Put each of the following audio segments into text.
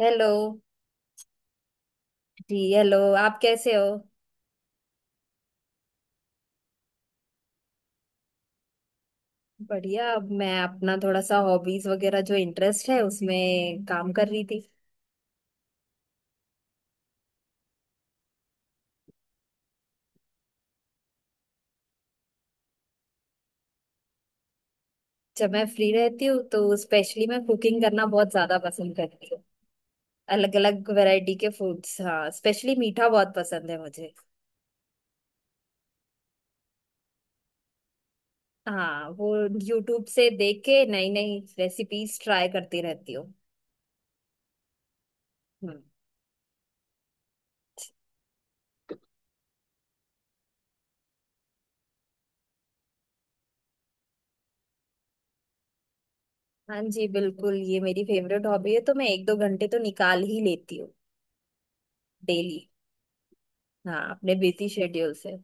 Hello. जी hello, आप कैसे हो। बढ़िया। अब मैं अपना थोड़ा सा हॉबीज वगैरह जो इंटरेस्ट है उसमें काम कर रही थी। जब मैं फ्री रहती हूँ तो स्पेशली मैं कुकिंग करना बहुत ज्यादा पसंद करती हूँ। अलग अलग वैरायटी के फूड्स। हाँ, स्पेशली मीठा बहुत पसंद है मुझे। हाँ वो यूट्यूब से देख के नई नई रेसिपीज ट्राई करती रहती हूँ। हम्म। हाँ जी, बिल्कुल ये मेरी फेवरेट हॉबी है तो मैं एक दो घंटे तो निकाल ही लेती हूँ डेली। हाँ, अपने बिजी शेड्यूल से।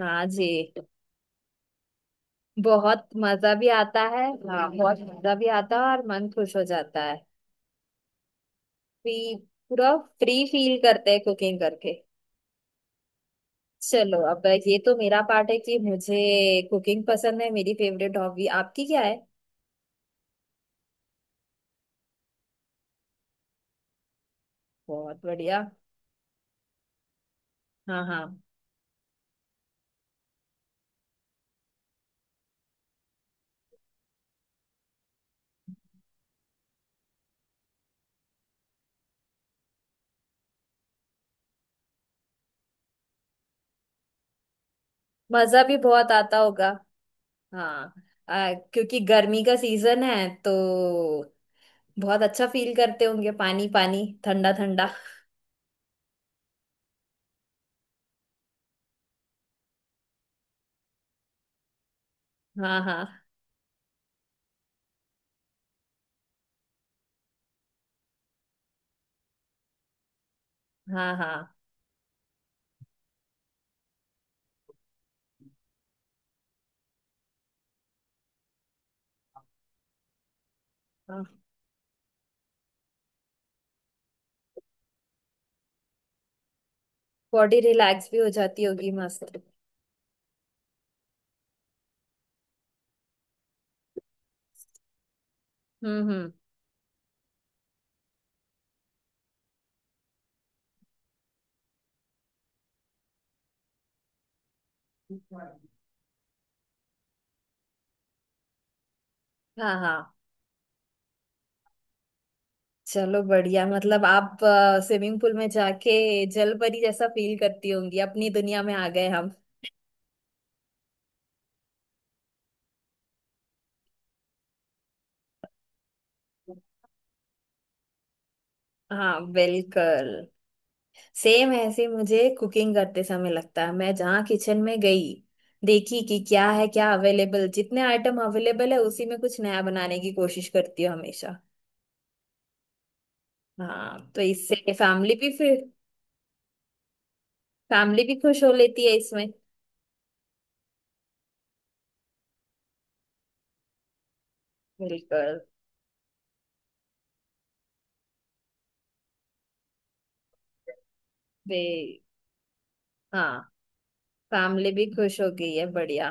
हाँ जी। बहुत मजा भी आता है। हाँ, बहुत मजा भी आता है और मन खुश हो जाता है। फ्री। पूरा फ्री फील करते हैं कुकिंग करके। चलो अब ये तो मेरा पार्ट है कि मुझे कुकिंग पसंद है, मेरी फेवरेट हॉबी। आपकी क्या है। बहुत बढ़िया। हाँ हाँ। मजा भी बहुत आता होगा। हाँ। क्योंकि गर्मी का सीजन है तो बहुत अच्छा फील करते होंगे। पानी पानी ठंडा ठंडा। हाँ हाँ। हाँ हाँ। बॉडी रिलैक्स भी हो जाती होगी मस्त। हम्म। हम्म। हाँ हाँ। चलो बढ़िया, मतलब आप स्विमिंग पूल में जाके जलपरी जैसा फील करती होंगी, अपनी दुनिया में आ गए हम। हाँ बिल्कुल। सेम ऐसे मुझे कुकिंग करते समय लगता है, मैं जहाँ किचन में गई, देखी कि क्या है क्या अवेलेबल, जितने आइटम अवेलेबल है उसी में कुछ नया बनाने की कोशिश करती हूँ हमेशा। हाँ तो इससे फैमिली भी फिर। फैमिली भी खुश हो लेती है इसमें। बिल्कुल। बे हाँ। फैमिली भी खुश हो गई है बढ़िया।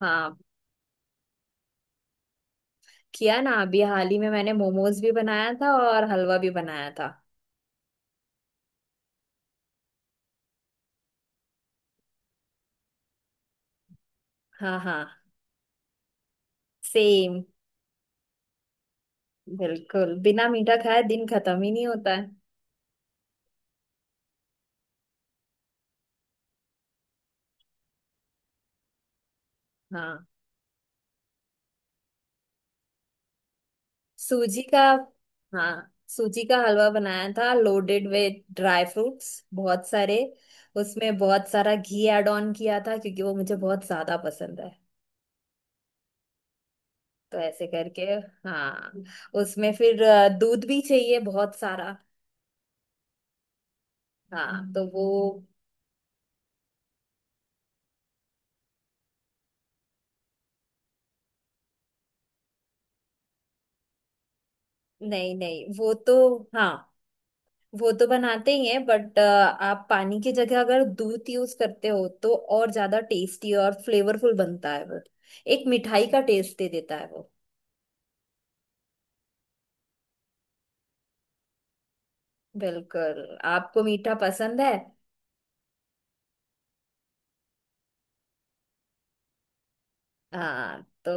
हाँ। किया ना। अभी हाल ही में मैंने मोमोज भी बनाया था और हलवा भी बनाया था। हाँ हाँ। सेम। बिल्कुल, बिना मीठा खाए दिन खत्म ही नहीं होता है। हाँ, सूजी का। हाँ, सूजी का हलवा बनाया था लोडेड विद ड्राई फ्रूट्स बहुत सारे। उसमें बहुत सारा घी ऐड ऑन किया था क्योंकि वो मुझे बहुत ज्यादा पसंद है। तो ऐसे करके। हाँ। उसमें फिर दूध भी चाहिए बहुत सारा। हाँ तो वो। नहीं नहीं, वो तो। हाँ, वो तो बनाते ही हैं बट आप पानी की जगह अगर दूध यूज करते हो तो और ज्यादा टेस्टी और फ्लेवरफुल बनता है वो। एक मिठाई का टेस्ट दे देता है वो। बिल्कुल। आपको मीठा पसंद है। हाँ तो।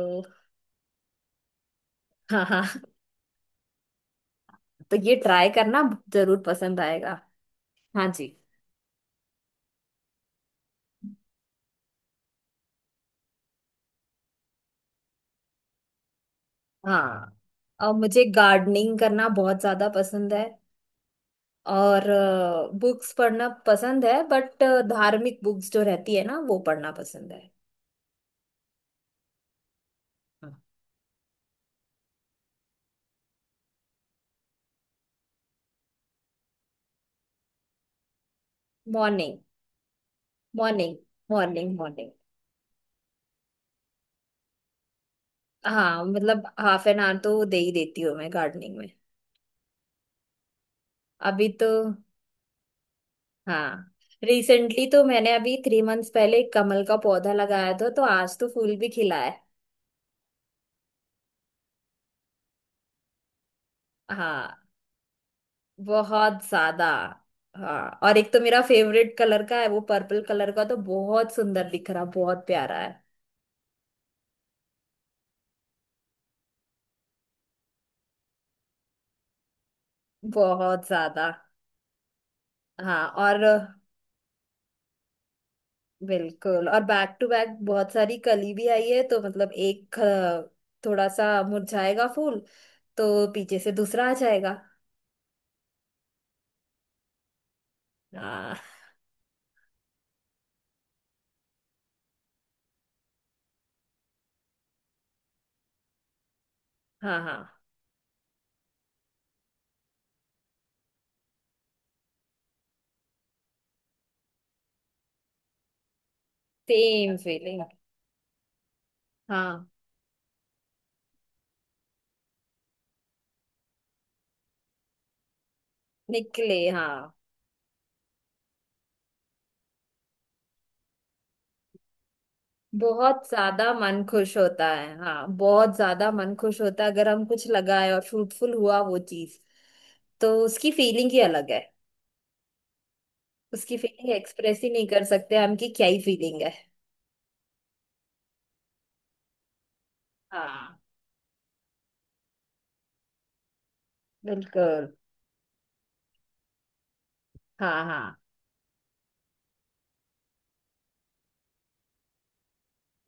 हाँ हाँ तो ये ट्राई करना जरूर पसंद आएगा। हाँ जी। हाँ, और मुझे गार्डनिंग करना बहुत ज्यादा पसंद है। और बुक्स पढ़ना पसंद है बट धार्मिक बुक्स जो रहती है ना वो पढ़ना पसंद है। Morning, morning, morning, morning. हाँ, मतलब हाफ एन आवर तो दे ही देती हूँ मैं गार्डनिंग में। अभी तो हाँ, रिसेंटली तो मैंने अभी 3 मंथ्स पहले एक कमल का पौधा लगाया था तो आज तो फूल भी खिला है। हाँ बहुत ज्यादा। हाँ, और एक तो मेरा फेवरेट कलर का है, वो पर्पल कलर का, तो बहुत सुंदर दिख रहा, बहुत प्यारा है। बहुत ज्यादा। हाँ और बिल्कुल, और बैक टू बैक बहुत सारी कली भी आई है तो मतलब एक थोड़ा सा मुरझाएगा फूल तो पीछे से दूसरा आ जाएगा। हाँ हाँ हाँ। Same feeling. हाँ। निकले हाँ। बहुत ज्यादा मन खुश होता है। हाँ, बहुत ज्यादा मन खुश होता है, अगर हम कुछ लगाए और फ्रूटफुल हुआ वो चीज तो उसकी फीलिंग ही अलग है। उसकी फीलिंग एक्सप्रेस ही नहीं कर सकते हम कि क्या ही फीलिंग है। हाँ बिल्कुल। हाँ हाँ।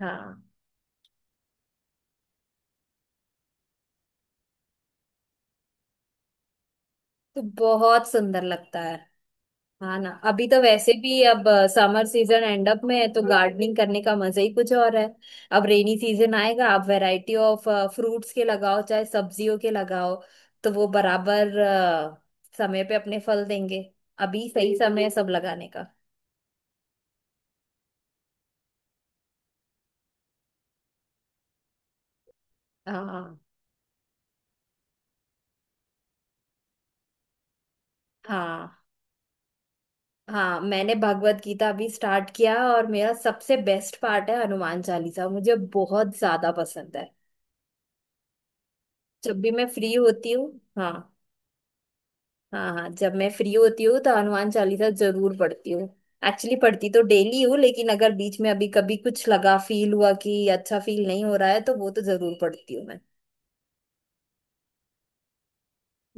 हाँ तो बहुत सुंदर लगता है। हाँ ना, अभी तो वैसे भी अब समर सीजन एंड अप में है तो गार्डनिंग करने का मजा ही कुछ और है। अब रेनी सीजन आएगा, आप वैरायटी ऑफ फ्रूट्स के लगाओ चाहे सब्जियों के लगाओ तो वो बराबर समय पे अपने फल देंगे। अभी सही समय है सब लगाने का। हाँ हाँ हाँ। मैंने भगवत गीता अभी स्टार्ट किया और मेरा सबसे बेस्ट पार्ट है हनुमान चालीसा, मुझे बहुत ज्यादा पसंद है। जब भी मैं फ्री होती हूँ। हाँ। हाँ हाँ, जब मैं फ्री होती हूँ तो हनुमान चालीसा जरूर पढ़ती हूँ। एक्चुअली पढ़ती तो डेली हूँ लेकिन अगर बीच में अभी कभी कुछ लगा फील हुआ कि अच्छा फील नहीं हो रहा है तो वो तो जरूर पढ़ती हूँ मैं।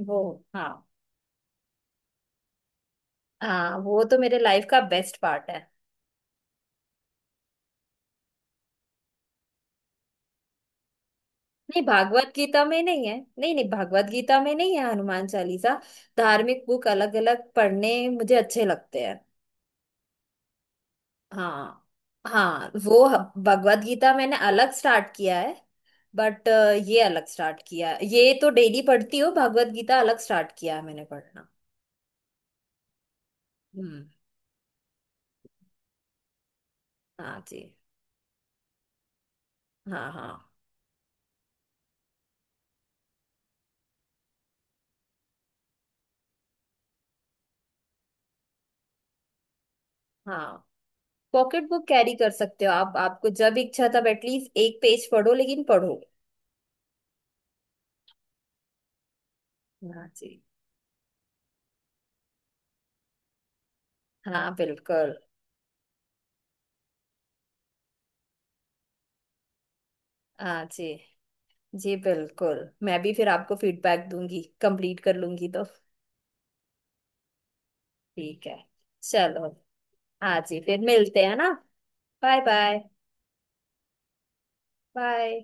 वो। हाँ हाँ, वो तो मेरे लाइफ का बेस्ट पार्ट है। नहीं, भागवत गीता में नहीं है। नहीं नहीं, भागवत गीता में नहीं है हनुमान चालीसा। धार्मिक बुक अलग अलग पढ़ने मुझे अच्छे लगते हैं। हाँ, हाँ वो भगवत गीता मैंने अलग स्टार्ट किया है। बट ये अलग स्टार्ट किया। ये तो डेली पढ़ती हो। भागवत गीता अलग स्टार्ट किया है मैंने पढ़ना। हम्म। हाँ जी। हाँ हाँ हाँ। पॉकेट बुक कैरी कर सकते हो आप, आपको जब इच्छा तब एटलीस्ट एक पेज पढ़ो लेकिन पढ़ो। हाँ जी। हाँ बिल्कुल। हाँ जी। जी बिल्कुल, मैं भी फिर आपको फीडबैक दूंगी कंप्लीट कर लूंगी तो। ठीक है। चलो। हाँ जी, फिर मिलते हैं ना। Bye bye. बाय।